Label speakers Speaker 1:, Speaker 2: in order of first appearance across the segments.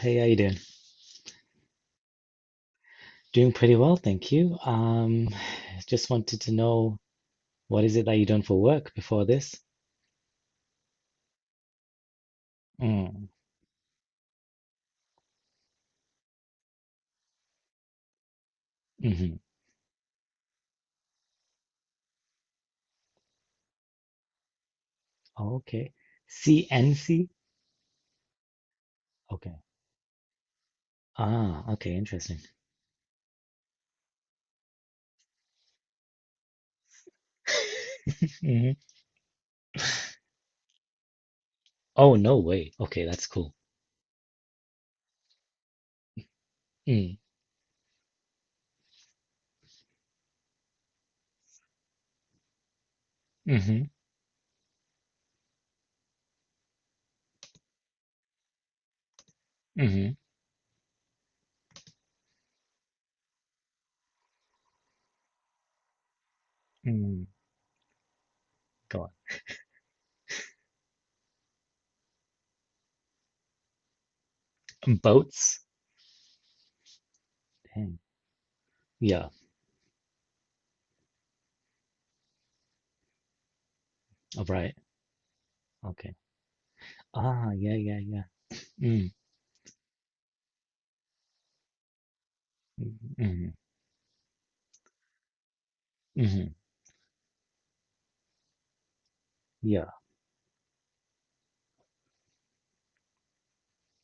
Speaker 1: Hey, how you doing? Doing pretty well, thank you. Just wanted to know what is it that you done for work before this? Mm. Hmm. Oh, okay. CNC? Okay. Ah, okay, interesting. Hmm. Oh, no way. Okay, that's cool. Mm. Mm-hmm. Mm-hmm. Mm. Go on. Mm, boats? Dang. Yeah, all right. Okay. Ah, yeah, yeah, yeah. Mm. Mm-hmm. Mm-hmm. Yeah.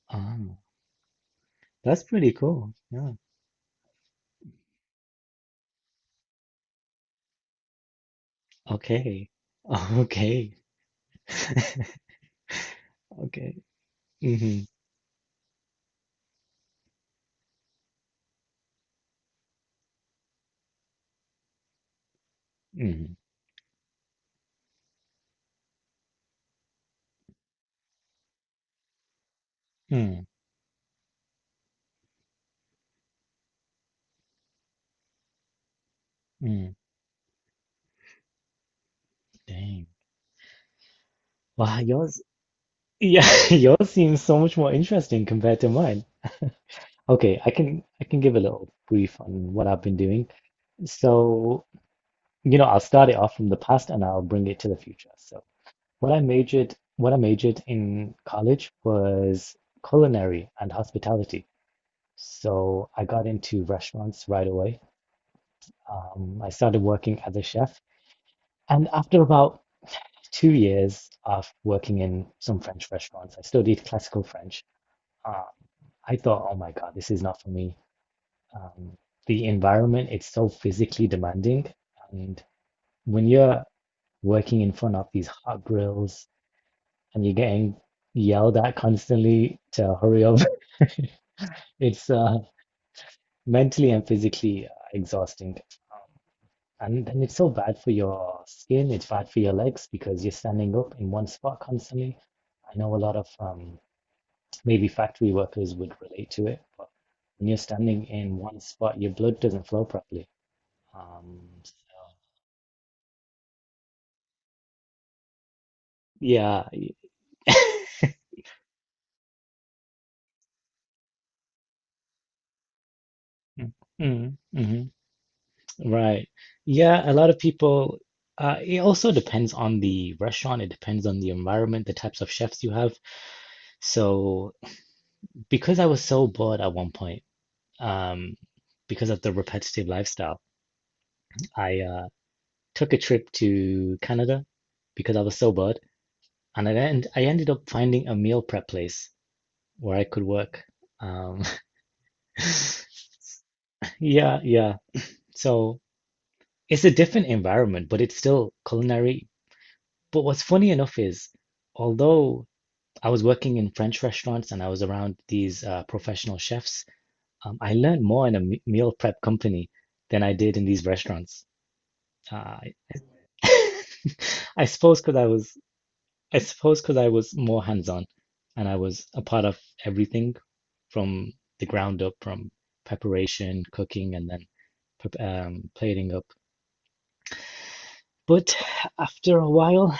Speaker 1: Ah, that's pretty cool. Yeah. Okay. Okay. Okay. Mm-hmm. Mm-hmm. Hmm. Hmm. Mm. Mm. Dang. Wow, yours yeah, yours seems so much more interesting compared to mine. Okay, I can give a little brief on what I've been doing. So, I'll start it off from the past and I'll bring it to the future. So, what I majored in college was culinary and hospitality. So, I got into restaurants right away. I started working as a chef, and after about 2 years of working in some French restaurants. I studied classical French. Uh, I thought, oh my God, this is not for me. Um, the environment, it's so physically demanding. And when you're working in front of these hot grills and you're getting yelled at constantly to hurry up, it's mentally and physically exhausting. Um, And then it's so bad for your skin, it's bad for your legs because you're standing up in one spot constantly. I know a lot of maybe factory workers would relate to it, but when you're standing in one spot, your blood doesn't flow properly. So, yeah, mm, mm, right. Yeah, a lot of people, it also depends on the restaurant, it depends on the environment, the types of chefs you have. So, because I was so bored at one point, um, because of the repetitive lifestyle, I took a trip to Canada because I was so bored, and I ended up finding a meal prep place where I could work. Um, yeah, yeah. So it's a different environment, but it's still culinary. But what's funny enough is, although I was working in French restaurants and I was around these professional chefs, I learned more in a meal prep company than I did in these restaurants. Uh, I suppose because I was, I suppose because I was more hands-on, and I was a part of everything from the ground up, from preparation, cooking, and then plating up. But after a while,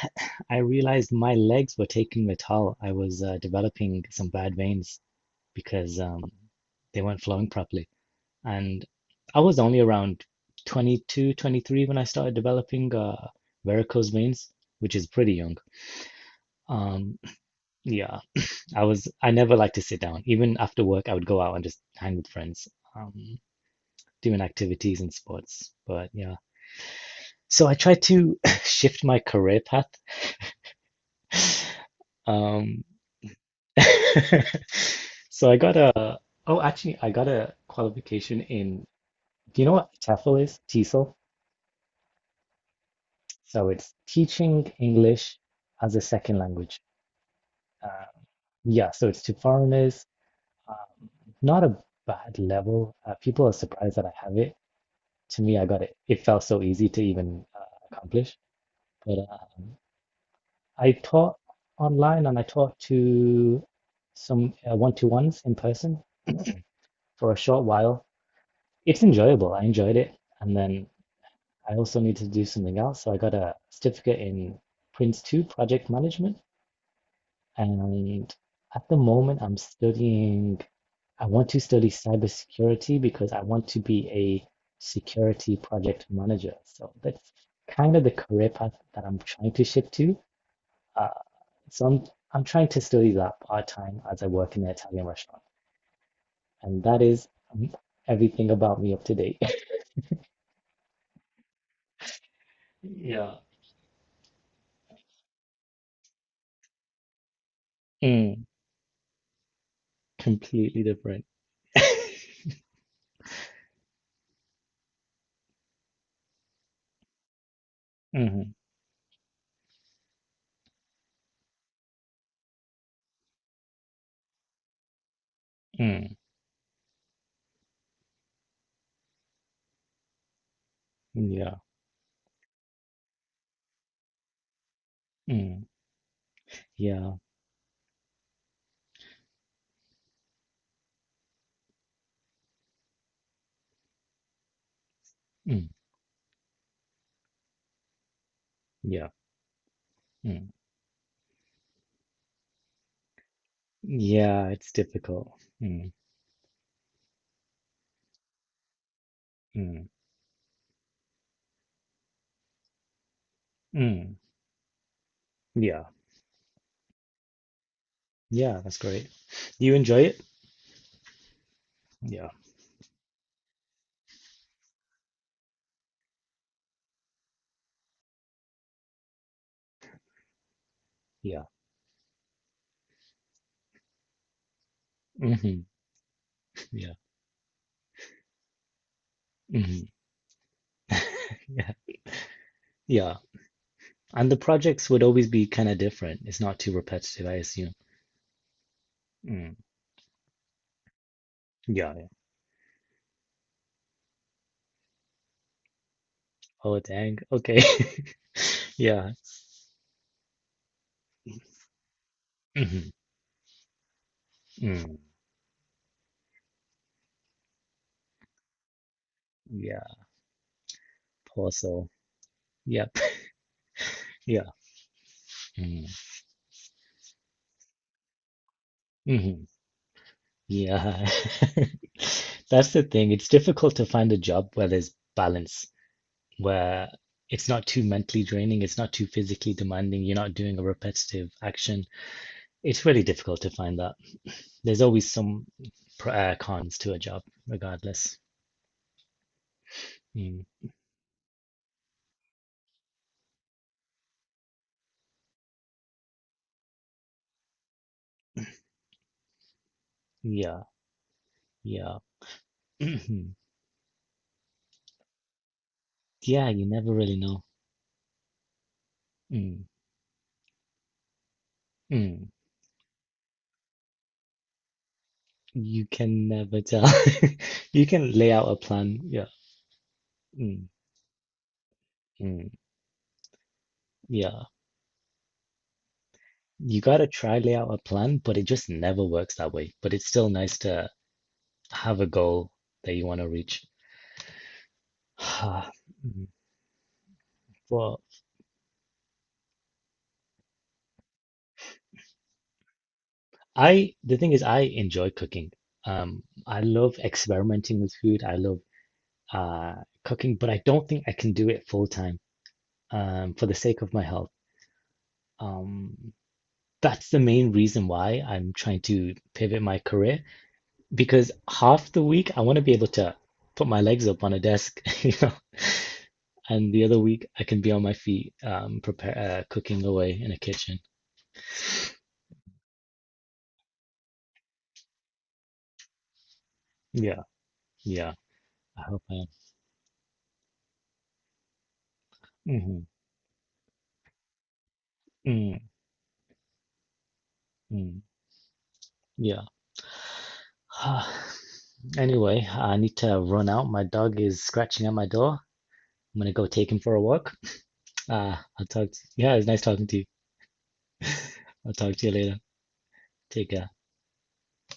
Speaker 1: I realized my legs were taking the toll. I was developing some bad veins because they weren't flowing properly. And I was only around 22, 23 when I started developing varicose veins, which is pretty young. Um, yeah, I never liked to sit down. Even after work, I would go out and just hang with friends, um, doing activities and sports. But yeah, so I tried to shift my career path. Um, so oh, actually, I got a qualification in, do you know what TEFL is? TESOL. So it's teaching English as a second language. Uh, yeah, so it's to foreigners, not a bad level. People are surprised that I have it. To me, I got it. It felt so easy to even accomplish. But I taught online and I taught to some one-to-ones in person for a short while. It's enjoyable. I enjoyed it. And then I also need to do something else. So I got a certificate in Prince 2 project management. And at the moment, I want to study cybersecurity because I want to be a security project manager. So that's kind of the career path that I'm trying to shift to. Uh, so I'm trying to study that part time as I work in an Italian restaurant. And that is everything about me up to date. Yeah. Mm. Completely different. Mm, mm, yeah. Mm, yeah. Mm, yeah. Mm. Yeah, it's difficult. Mm, mm, mm. Yeah. Yeah, that's great. Do you enjoy it? Yeah. Yeah. Hmm. Yeah. Hmm. Yeah. Yeah. And the projects would always be kind of different. It's not too repetitive, I assume. Mm. Yeah, yeah. Oh, dang. Okay. Yeah. Hmm. Mm. Yeah. Also. Yep. Yeah. Mm-hmm. Yeah. That's the thing. It's difficult to find a job where there's balance, where it's not too mentally draining, it's not too physically demanding, you're not doing a repetitive action. It's really difficult to find that. There's always some cons to a job, regardless. Mm. Yeah, yeah. Yeah, you never really know. Mm. Mm. You can never tell. You can lay out a plan. Yeah. Mm. Mm. Yeah. You got to try lay out a plan, but it just never works that way. But it's still nice to have a goal that you want to reach. Well, I the thing is I enjoy cooking. Um, I love experimenting with food. I love uh cooking, but I don't think I can do it full time for the sake of my health. Um, that's the main reason why I'm trying to pivot my career. Because half the week I want to be able to put my legs up on a desk, and the other week I can be on my feet, prepare cooking away in a kitchen. Yeah, yeah, I hope I am. Mm-hmm. Mm, mm, yeah. Anyway, I need to run out. My dog is scratching at my door. I'm gonna go take him for a walk. Yeah, it's nice talking to you. I'll talk to you later. Take care.